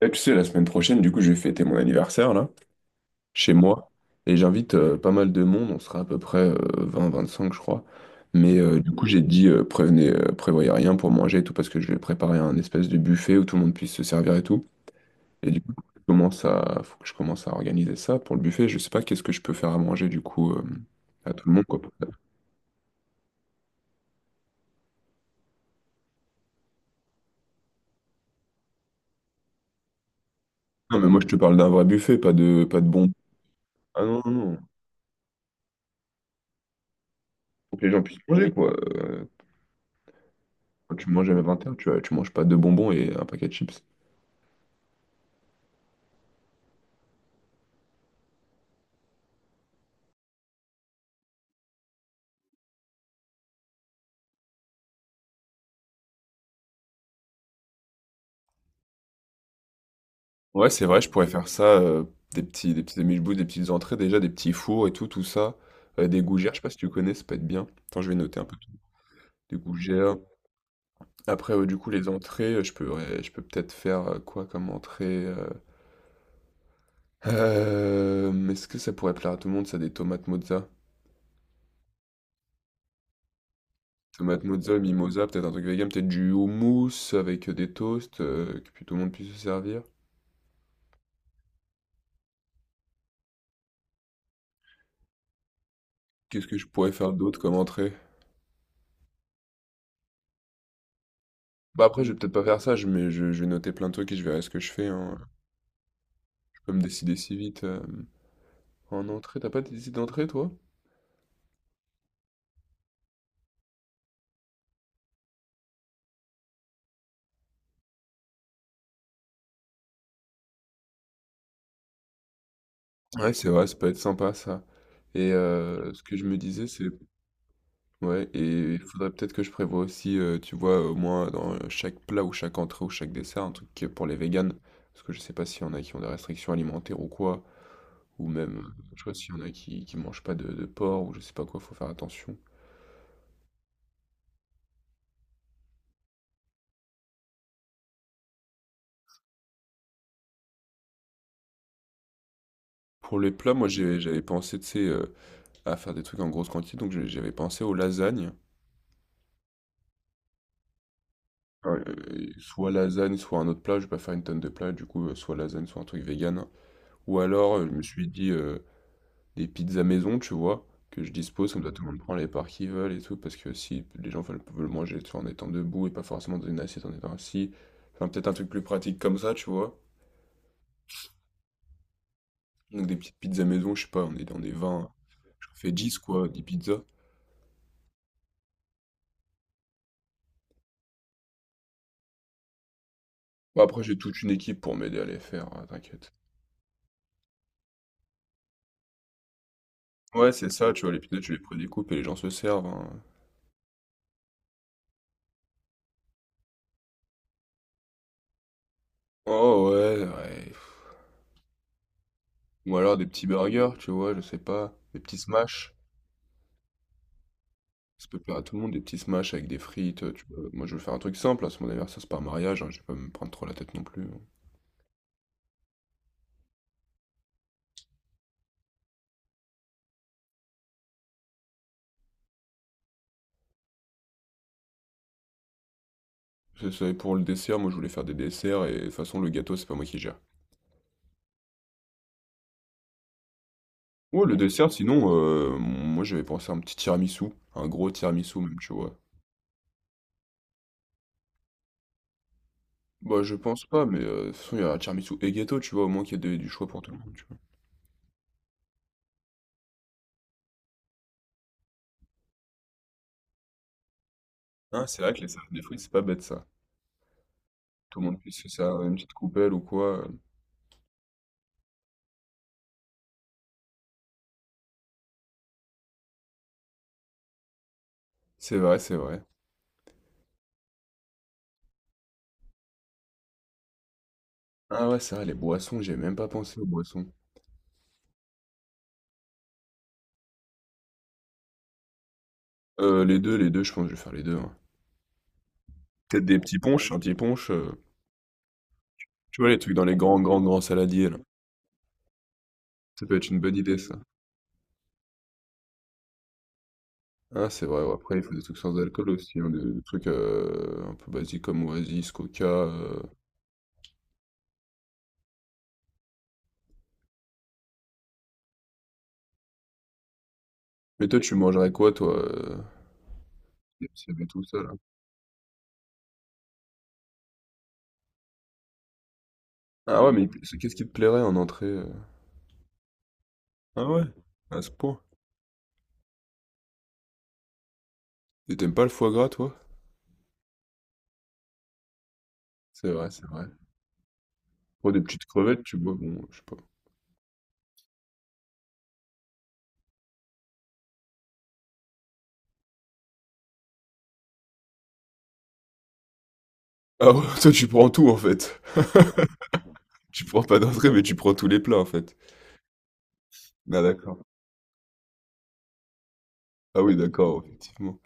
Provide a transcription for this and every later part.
Et tu sais, la semaine prochaine, du coup, je vais fêter mon anniversaire, là, chez moi. Et j'invite pas mal de monde, on sera à peu près 20-25, je crois. Mais du coup, j'ai dit, prévenez, prévoyez rien pour manger et tout, parce que je vais préparer un espèce de buffet où tout le monde puisse se servir et tout. Et du coup, je commence à, faut que je commence à organiser ça pour le buffet. Je sais pas qu'est-ce que je peux faire à manger, du coup, à tout le monde, quoi. Non, mais moi, je te parle d'un vrai buffet, pas de bonbons. Ah non, non, non. Faut que les gens puissent manger, quoi. Quand tu manges à 21, tu manges pas deux bonbons et un paquet de chips. Ouais, c'est vrai, je pourrais faire ça, des petits sandwichs bouts, des petites entrées déjà, des petits fours et tout, tout ça, des gougères, je sais pas si tu connais, ça peut être bien. Attends, je vais noter un peu. Des gougères, après, du coup, les entrées, je peux peut-être faire, quoi comme entrée, heu? Hem, est-ce que ça pourrait plaire à tout le monde ça, des tomates mozza? Tomates mozza, mimosa, peut-être un truc vegan, peut-être du houmous avec, des toasts, que pu tout le monde puisse se servir. Qu'est-ce que je pourrais faire d'autre comme entrée? Bah, après, je vais peut-être pas faire ça, je vais noter plein de trucs et je verrai ce que je fais, hein. Comme décider si vite, en entrée, t'as pas décidé d'entrée, toi? Ouais, c'est vrai, ça peut être sympa ça et ce que je me disais, c'est ouais, et il faudrait peut-être que je prévoie aussi, tu vois, au moins dans chaque plat ou chaque entrée ou chaque dessert, un truc qui est pour les véganes. Parce que je sais pas s'il y en a qui ont des restrictions alimentaires ou quoi, ou même, je sais pas s'il y en a qui mangent pas de porc ou je sais pas quoi, faut faire attention. Pour les plats, moi j'avais pensé, tu sais, à faire des trucs en grosse quantité, donc j'avais pensé aux lasagnes. Enfin, soit lasagne, soit un autre plat, je vais pas faire une tonne de plats, du coup, soit lasagne, soit un truc vegan. Ou alors, je me suis dit, des pizzas maison, tu vois? Que je dispose, comme ça tout le monde prend les parts qu'ils veulent et tout, parce que si les gens veulent manger, tu vois, en étant debout et pas forcément dans une assiette en étant assis. Enfin, peut-être un truc plus pratique comme ça, tu vois? Donc des petites pizzas maison, je sais pas, on est vingt, je fais 10 quoi, 10 pizzas. Bon après j'ai toute une équipe pour m'aider à les faire, t'inquiète. Ouais, c'est ça, tu vois? Les pizzas, tu les prédécoupes et les gens se servent, hein. Oh ouais, ouais. Ou alors des petits burgers, tu vois, je sais pas, des petits smash. Ça peut plaire à tout le monde, des petits smash avec des frites, tu vois. Moi, je veux faire un truc simple, là, c'est mon anniversaire, c'est pas un mariage, hein, je vais pas me prendre trop la tête non plus, hein. C'est ça, et pour le dessert, moi, je voulais faire des desserts, et de toute façon, le gâteau, c'est pas moi qui gère. Ouais, le dessert, sinon, moi, j'avais pensé à un petit tiramisu, un gros tiramisu même, tu vois. Bah, je pense pas, mais de toute façon, il y a tiramisu et gâteau, tu vois, au moins qu'il y a du choix pour tout le monde, tu vois. Ah, c'est vrai que les salades de fruits, c'est pas bête, ça. Tout le monde puisse se servir une petite coupelle ou quoi, C'est vrai, c'est vrai. Ah ouais, c'est vrai, les boissons, j'ai même pas pensé aux boissons. Les deux, je pense que je vais faire les deux, hein. Peut-être des petits ponches, un petit punch, tu vois, les trucs dans les grands, grands, grands saladiers, là. Ça peut être une bonne idée, ça. Ah, c'est vrai, ouais, après, il faut des trucs sans alcool aussi, hein, des trucs un peu basiques comme Oasis, Coca, Mais toi, tu mangerais quoi, toi si y avait tout ça, là. Ah ouais, mais qu'est-ce qui te plairait en entrée, Ah ouais, à ce point. Et t'aimes pas le foie gras, toi? C'est vrai, c'est vrai. Pour des petites crevettes, tu bois, bon, je sais pas. Ah ouais, toi, tu prends tout, en fait. Tu prends pas d'entrée, mais tu prends tous les plats, en fait. Ah, d'accord. Ah oui, d'accord, effectivement.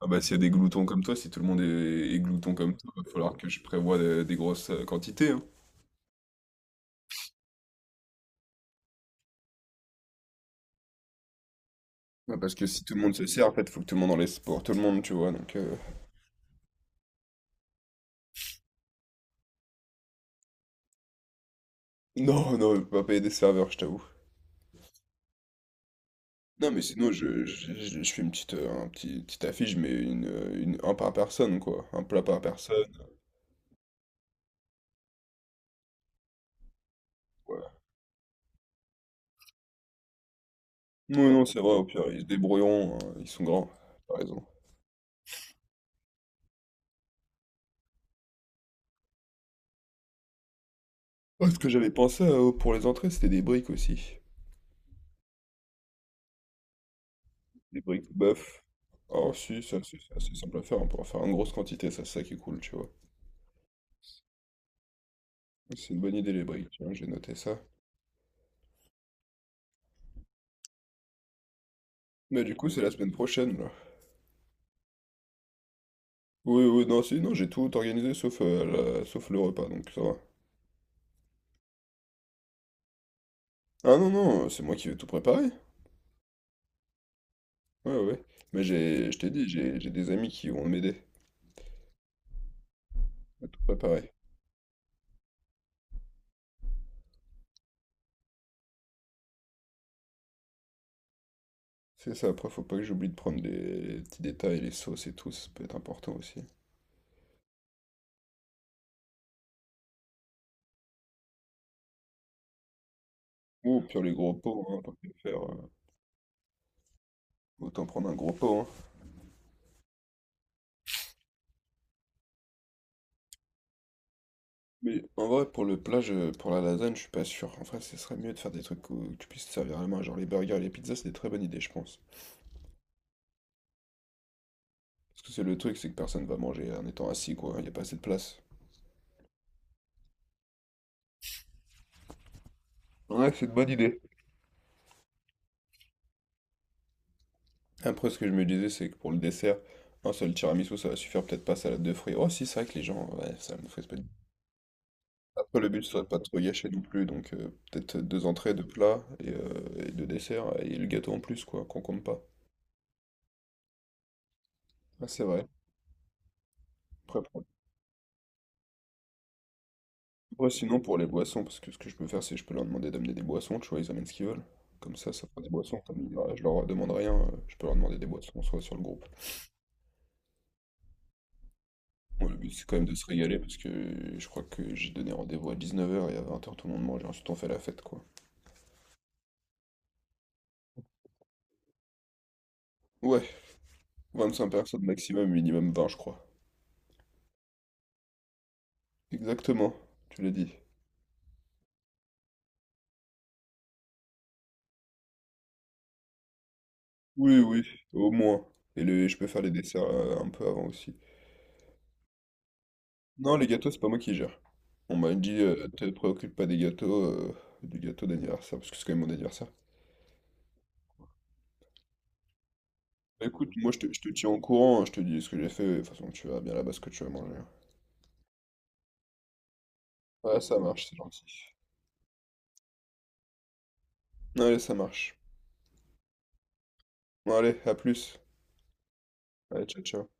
Ah bah, s'il y a des gloutons comme toi, si tout le monde est glouton comme toi, va falloir que je prévoie des grosses quantités, hein. Ouais, parce que si tout le monde se sert, en fait, faut que tout le monde en laisse pour tout le monde, tu vois, donc... Non, non, je peux pas payer des serveurs, je t'avoue. Non, mais sinon, je fais une petite, un petit, petite affiche, mais une, un par personne, quoi. Un plat par personne, voilà. Non, non, c'est vrai, au pire, ils se débrouilleront, hein, ils sont grands, t'as raison. Oh, ce que j'avais pensé pour les entrées, c'était des briques aussi. Les briques bœuf. Oh si, ça c'est assez simple à faire, on peut en faire en grosse quantité, ça c'est ça qui est cool, tu vois. C'est une bonne idée les briques, tiens, j'ai noté ça. Mais du coup c'est la semaine prochaine là. Oui, oui, non, si, non, j'ai tout organisé sauf, sauf le repas, donc ça va. Ah non, non, c'est moi qui vais tout préparer. Ouais, ouais, ouais. Mais je t'ai dit, j'ai des amis qui vont m'aider à tout préparer. C'est ça, après faut pas que j'oublie de prendre les petits détails, les sauces et tout, ça peut être important aussi. Ou pire les gros pots, hein, tant qu'à faire, autant prendre un gros pot, hein. Mais en vrai, pour le plat, pour la lasagne, je suis pas sûr. En vrai, ce serait mieux de faire des trucs où tu puisses te servir à la main. Genre les burgers et les pizzas, c'est des très bonnes idées, je pense. Parce que c'est le truc, c'est que personne va manger en étant assis, quoi. Il n'y a pas assez de place. Ouais, c'est une bonne idée. Après, ce que je me disais, c'est que pour le dessert, un seul tiramisu, ça va suffire peut-être pas salade de fruits. Oh, si, c'est vrai que les gens, ouais, salade de fruits, c'est pas... dit. Après, le but, ce serait de pas de trop gâcher non plus. Donc, peut-être deux entrées, deux plats et deux desserts et le gâteau en plus, quoi, qu'on compte pas. Ah, c'est vrai. Après, pour Ouais, sinon pour les boissons, parce que ce que je peux faire, c'est je peux leur demander d'amener des boissons, tu vois, ils amènent ce qu'ils veulent. Comme ça fera des boissons. Comme ils je leur demande rien, je peux leur demander des boissons, soit sur le groupe. Moi, le but, c'est quand même de se régaler, parce que je crois que j'ai donné rendez-vous à 19h et à 20h, tout le monde mange, et ensuite on fait la fête, quoi. Ouais, 25 personnes maximum, minimum 20, je crois. Exactement, tu l'as dit. Oui, oui, au moins. Et le, je peux faire les desserts un peu avant aussi. Non, les gâteaux, c'est pas moi qui gère. On m'a dit, te préoccupe pas des gâteaux, du gâteau d'anniversaire, parce que c'est quand même mon anniversaire. Bah, écoute, moi je te tiens au courant, hein, je te dis ce que j'ai fait, de toute façon tu verras bien là-bas ce que tu vas manger. Ouais, ça marche, c'est gentil. Allez, ça marche. Bon, allez, à plus. Allez, ciao, ciao.